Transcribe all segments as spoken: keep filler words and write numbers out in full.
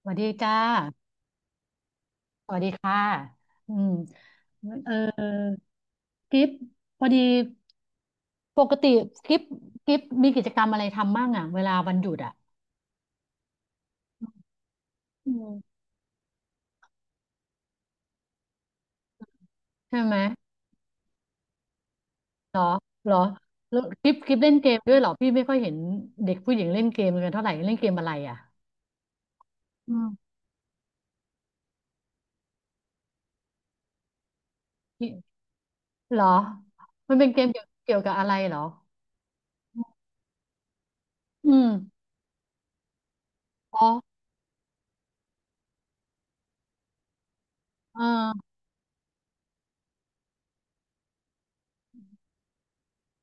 สวัสดีจ้าสวัสดีค่ะอืมเออกิฟพอดีปกติกิฟกิฟมีกิจกรรมอะไรทำบ้างอ่ะเวลาวันหยุดอ่ะอืมใช่ไหมเหรอเหรอแล้วกิฟกิฟเล่นเกมด้วยเหรอพี่ไม่ค่อยเห็นเด็กผู้หญิงเล่นเกมกันเท่าไหร่เล่นเกมอะไรอ่ะอืมีเหรอมันเป็นเกมเกี่ยวเกี่ยวกับอะไรเหรออืมอ๋อเออ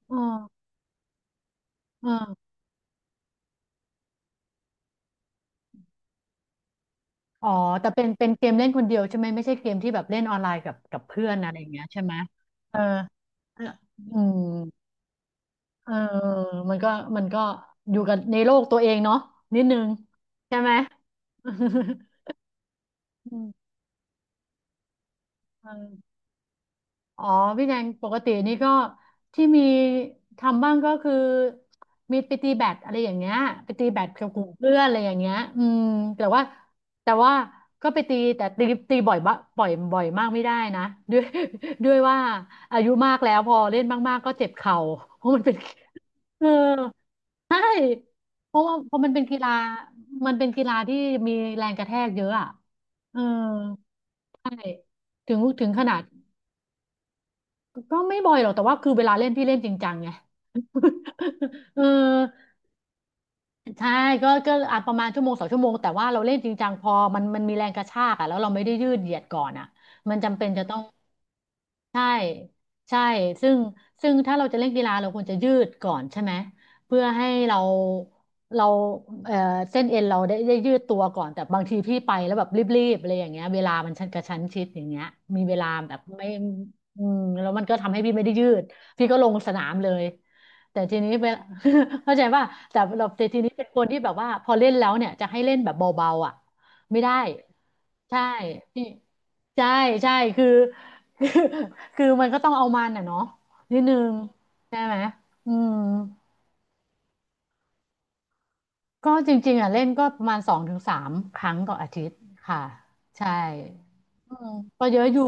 เออเออ อ๋อ แต่เป็นเป็นเกมเล่นคนเดียวใช่ไหม ไม่ใช่เกมที่แบบเล่นออนไลน์กับกับเพื่อนอะไรอย่างเงี้ยใช่ไหม เออเอออืมเออมันก็มันก็อยู่กับในโลกตัวเองเนาะนิดนึงใช่ไหม อืมเออ อ๋อพี่แนงปกตินี่ก็ที่มีทำบ้างก็คือมีไปตีแบดอะไรอย่างเงี้ยไปตีแบดกับกลุ่มเพื่อนอะไรอย่างเงี้ยอืมแต่ว่าแต่ว่าก็ไปตีแต่ตีตีบ่อยบะบ่อยบ่อยมากไม่ได้นะด้วยด้วยว่าอายุมากแล้วพอเล่นมากๆก็เจ็บเข่าเพราะมันเป็น เออใช่เพราะว่าเพราะมันเป็นกีฬามันเป็นกีฬาที่มีแรงกระแทกเยอะอ่ะเออใช่ถึงถึงขนาด ก็ไม่บ่อยหรอกแต่ว่าคือเวลาเล่นพี่เล่นจริงจังไง เออใช่ก็ก็อาจประมาณชั่วโมงสองชั่วโมงแต่ว่าเราเล่นจริงจังพอมันมันมีแรงกระชากอ่ะแล้วเราไม่ได้ยืดเหยียดก่อนอ่ะมันจำเป็นจะต้อง ใช่ใช่ซึ่งซึ่งถ้าเราจะเล่นกีฬาเราควรจะยืดก่อนใช่ไหมเพื่อให้เราเราเอ่อเส้นเอ็นเราได้ได้ยืดตัวก่อนแต่บางทีพี่ไปแล้วแบบรีบๆอะไรอย่างเงี้ยเวลามันชันกระชั้นชิดอย่างเงี้ยมีเวลาแบบไม่อืมแล้วมันก็ทำให้พี่ไม่ได้ยืดพี่ก็ลงสนามเลยแต่ทีนี้เวลา เข้าใจว่าแต่เราแต่ทีนี้เป็นคนที่แบบว่าพอเล่นแล้วเนี่ยจะให้เล่นแบบเบาๆอ่ะ ไม่ได้ใช่พี่ใช่ใช่คือ คือคือมันก็ต้องเอามันอ่ะเนาะนิดนึงใช่ไหมอืมก็จริงๆอ่ะเล่นก็ประมาณสองถึงสามครั้งต่ออาทิตย์ค่ะใช่อืมก็เยอะอยู่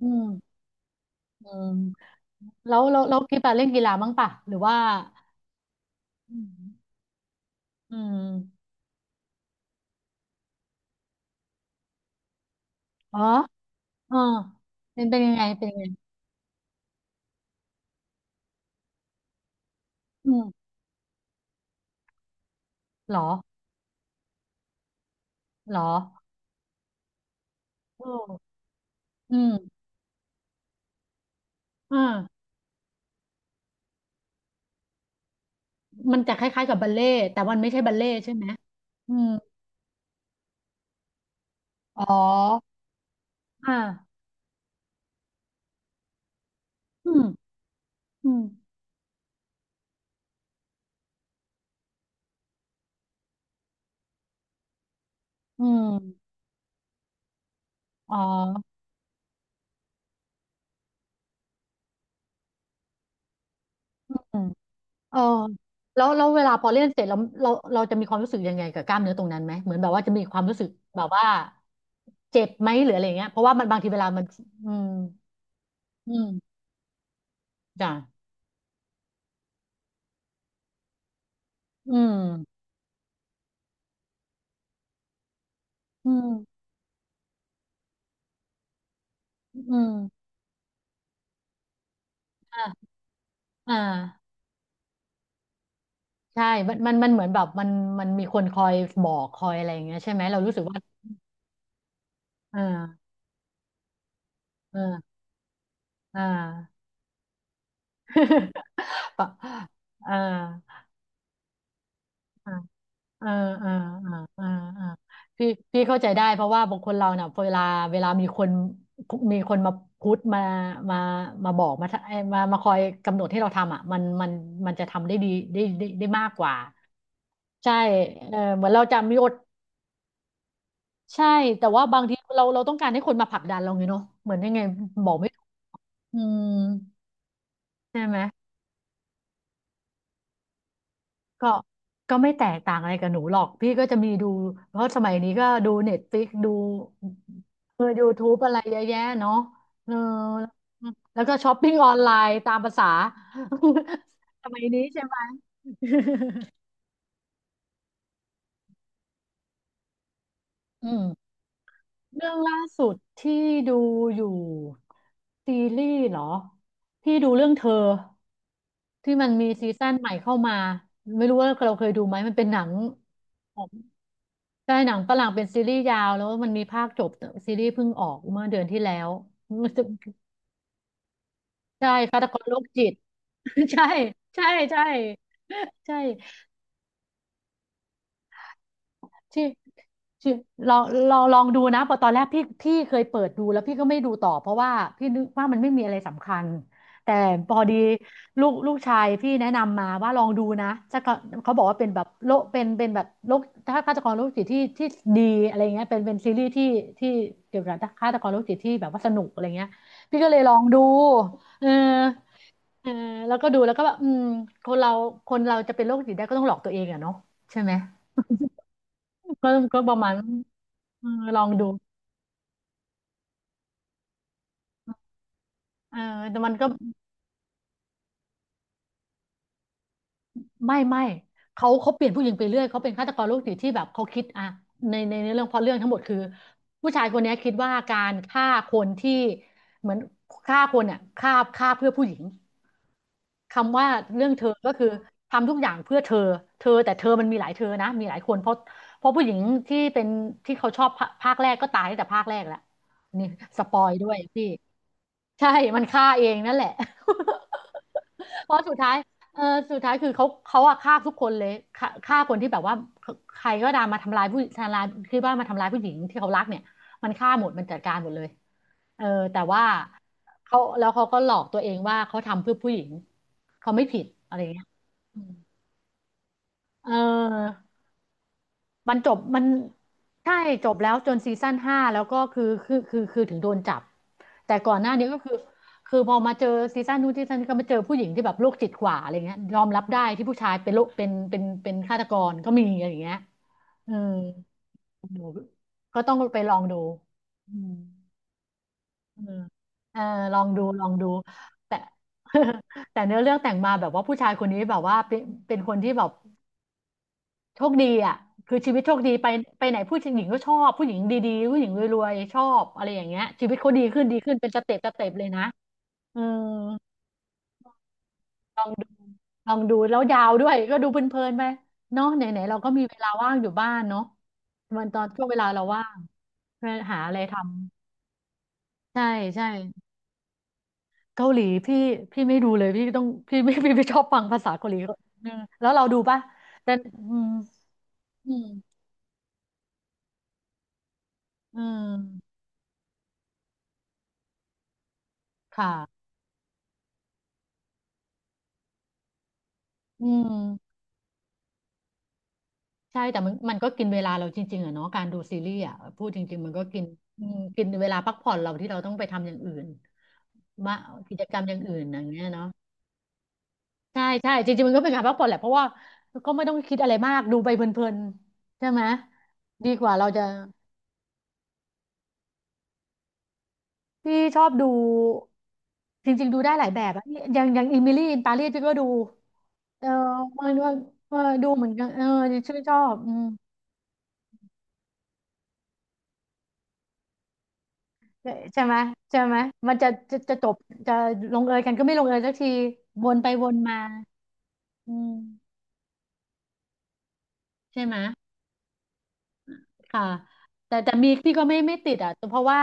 อืมอืมแล้วแล้วแล้วกีฬาเล่นกีฬาบ้างป่ะหรือว่าอืมอืมอ๋อเออเป็นเป็นยังไงเป็นยังไงอืมเหรอเหรอเอออืมอ่า มันจะคล้ายๆกับบัลเล่ต์แต่มันไม่ใช่บัลเล่ต์ใช่ไหมอืมอ๋ออ่าอืมอืมอืมอ๋ออืมเออแล้วแล้วเวลาพอเล่นเสร็จเราเราเราจะมีความรู้สึกยังไงกับกล้ามเนื้อตรงนั้นไหมเหมือนแบบว่าจะมีความรู้สึกแบบว่าเจ็บไหมหรืออะไรเงี้ยเพราะว่ามันบางทีเวลามันอืมอืมจ้ะอืมอืมอืมอ่าอ่าใช่มันมันมันเหมือนแบบมันมันมีคนคอยบอกคอยอะไรอย่างเงี้ยใช่ไหมเรารู้สึกว่าอ่าอ่า อ่า ปะอ่าอ่าอ่าอ่าอ่าอ่าอ่าพี่พี่เข้าใจได้เพราะว่าบางคนเราเนี่ยเวลาเวลามีคนมีคนมาพุทธมามามาบอกมาเอ้ยมามาคอยกำหนดให้เราทำอ่ะมันมันมันจะทำได้ดีได้ได้ได้มากกว่าใช่เออเหมือนเราจะมีอดใช่แต่ว่าบางทีเราเราต้องการให้คนมาผลักดันเราไงเนาะเหมือนยังไงบอกไม่ถูกอืมใช่ไหม ก็ก็ไม่แตกต่างอะไรกับหนูหรอกพี่ก็จะมีดูเพราะสมัยนี้ก็ดูเน็ตฟ i ิกดูเออยูทูบอะไรเยอะแยะเนาะเออแล้วก็ช้อปปิ้งออนไลน์ตามภาษา สมัยนี้ใช่ไหม อืมเรื่องล่าสุดที่ดูอยู่ซีรีส์เหรอพี่ดูเรื่องเธอที่มันมีซีซั่นใหม่เข้ามาไม่รู้ว่าเราเคยดูไหมมันเป็นหนัง ใช่หนังฝรั่งเป็นซีรีส์ยาวแล้วมันมีภาคจบซีรีส์เพิ่งออกเมื่อเดือนที่แล้ว ใช่ฆาตกรโรคจิต ใช่ใช่ใช่ใช่ ที่ที่ลองลองลองดูนะเพอตอนแรกพี่พี่เคยเปิดดูแล้วพี่ก็ไม่ดูต่อเพราะว่าพี่นึกว่ามันไม่มีอะไรสำคัญแต่พอดีลูกลูกชายพี่แนะนำมาว่าลองดูนะจะก็เขาบอกว่าเป็นแบบโลกเป็นเป็นแบบโลกถ้าฆาตกรโรคจิตที่ที่ดีอะไรเงี้ยเป็นเป็นซีรีส์ที่ที่เกี่ยวกับฆาตกรโรคจิตที่แบบว่าสนุกอะไรเงี้ยพี่ก็เลยลองดูเออเออแล้วก็ดูแล้วก็แบบอืมคนเราคนเราจะเป็นโรคจิตได้ก็ต้องหลอกตัวเองอะเนาะใช่ไหมก็ก็ประมาณ เออลองดูเออแต่มันก็ ไม่ไม่เขาเขาเปลี่ยนผู้หญิงไปเรื่อยเขาเป็นฆาตกรโรคจิตที่แบบเขาคิดอะในในเรื่องเพร็ะเรื่องทั้งหมดคือผู้ชายคนนี้คิดว่าการฆ่าคนที่เหมือนฆ่าคนเนี่ยฆ่าฆ่าเพื่อผู้หญิงคำว่าเรื่องเธอก็คือทำทุกอย่างเพื่อเธอเธอแต่เธอมันมีหลายเธอนะมีหลายคนเพราะเพราะผู้หญิงที่เป็นที่เขาชอบภาภาคแรกก็ตายตั้งแต่ภาคแรกแล้วนี่สปอยด้วยพี่ใช่มันฆ่าเองนั่นแหละ เพราะสุดท้าย เออสุดท้ายคือเขาเขาอะฆ่าทุกคนเลยฆ่าฆ่าคนที่แบบว่าใครก็ตามมาทำร้ายผู้ทำร้ายคือว่ามาทำร้ายผู้หญิงที่เขารักเนี่ยมันฆ่าหมดมันจัดการหมดเลยเออแต่ว่าเขาแล้วเขาก็หลอกตัวเองว่าเขาทำเพื่อผู้หญิงเขาไม่ผิดอะไรเงี้ยเออ มันจบมันใช่จบแล้วจนซีซั่นห้าแล้วก็คือคือคือคือถึงโดนจับแต่ก่อนหน้านี้ก็คือคือพอมาเจอซีซั่นนู้นซีซั่นนี้ก็มาเจอผู้หญิงที่แบบโรคจิตกว่าอะไรเงี้ยยอมรับได้ที่ผู้ชายเป็นโรคเป็นเป็นเป็นฆาตกรก็มีอะไรอย่างเงี้ยเออหนูก็ต้องไปลองดูอืมเออเออลองดูลองดูแต่ แต่เนื้อเรื่องแต่งมาแบบว่าผู้ชายคนนี้แบบว่าเป็นเป็นคนที่แบบ โชคดีอ่ะคือชีวิตโชคดีไปไปไหนผู้หญิงก็ชอบผู้หญิงดีๆผู้หญิงรวยๆชอบอะไรอย่างเงี้ยชีวิตเขาดีขึ้นดีขึ้นเป็นสเต็ปสเต็ปเลยนะเออลองดูลองดูแล้วยาวด้วยก็ดูเพลินๆไปเนาะไหนๆเราก็มีเวลาว่างอยู่บ้านเนาะมันตอนช่วงเวลาเราว่างเพื่อหาอะไรทำใช่ใช่เกาหลีพี่พี่ไม่ดูเลยพี่ต้องพี่ไม่ พี่ไม่ชอบฟังภาษาเกาหลีอืมแล้วเราดูปะแต่อืมอืมอืมค่ะอืม ใช่แต่มันมันก็กินเวลาเราจริงๆอะเนาะการดูซีรีส์อะพูดจริงๆมันก็กินอืมกินเวลาพักผ่อนเราที่เราต้องไปทำอย่างอื่นมากิจกรรมอย่างอื่นอย่างเงี้ยเนาะใช่ใช่จริงๆมันก็เป็นการพักผ่อนแหละเพราะว่าก็ไม่ต้องคิดอะไรมากดูไปเพลินๆใช่ไหมดีกว่าเราจะพี่ชอบดูจริงๆดูได้หลายแบบอะอย่างอย่างอิมิลี่อินปารีสพี่ก็ดูเออมันว่าเออดูเหมือนกันเออชื่นชอบอืม เอ่อใช่ไหมใช่ไหมมันจะจะจะจบจะลงเอยกันก็ไม่ลงเอยสักทีวนไปวนมาอืมใช่ไหม ค่ะแต่แต่มีพี่ก็ไม่ไม่ติดอ่ะเพราะว่า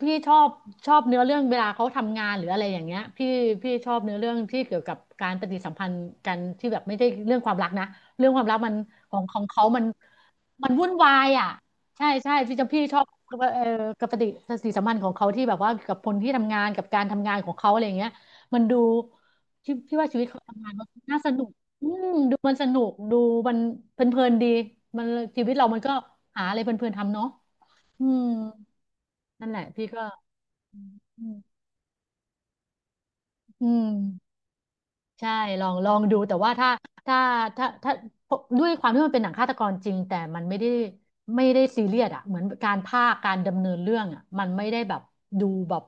พี่ชอบชอบเนื้อเรื่องเวลาเขาทำงานหรืออะไรอย่างเงี้ยพี่พี่ชอบเนื้อเรื่องที่เกี่ยวกับการปฏิสัมพันธ์กันที่แบบไม่ใช่เรื่องความรักนะเรื่องความรักมันของของเขามันมันวุ่นวายอ่ะใช่ใช่พี่จะพี่ชอบเอ่อกับปฏิปฏิสัมพันธ์ของเขาที่แบบว่ากับคนที่ทำงานกับการทำงานของเขาอะไรอย่างเงี้ยมันดูพี่พี่ว่าชีวิตเขาทำงานมันน่าสนุก อืมดูมันสนุก ดูมันเพลินๆดีมันชีวิตเรามันก็หาอะไรเพลินๆทำเนาะอืมนั่นแหละพี่ก็อืมอืม ใช่ลองลองดูแต่ว่าถ้าถ้าถ้าถ้าด้วยความที่มันเป็นหนังฆาตกรจริงแต่มันไม่ได้ไม่ได้ซีเรียสอ่ะเหมือนการภากการดำเนินเรื่องอ่ะมันไม่ได้แบบดูแบบ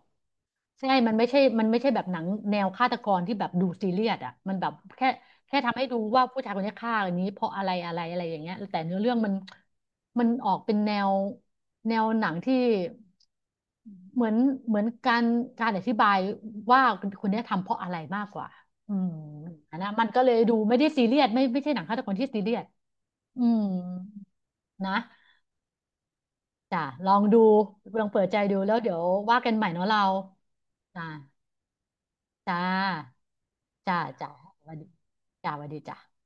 ใช่มันไม่ใช่มันไม่ใช่แบบหนังแนวฆาตกรที่แบบดูซีเรียสอ่ะมันแบบแค่แค่ทำให้ดูว่าผู้ชายคนนี้ฆ่าอันนี้เพราะอะไรอะไรอะไรอย่างเงี้ยแต่เนื้อเรื่องมันมันออกเป็นแนวแนวหนังที่เหมือนเหมือนการการอธิบายว่าคนเนี้ยทำเพราะอะไรมากกว่า อืมอันนะมันก็เลยดูไม่ได้ซีเรียสไม่ไม่ใช่หนังฆาตกรที่ซีเรียสอืมนะจ้ะลองดูลองเปิดใจดูแล้วเดี๋ยวว่ากันใหม่เนาะเราจ้ะจ้าจ้าจ้าสวัสดีจ้าสวัสดีจ้า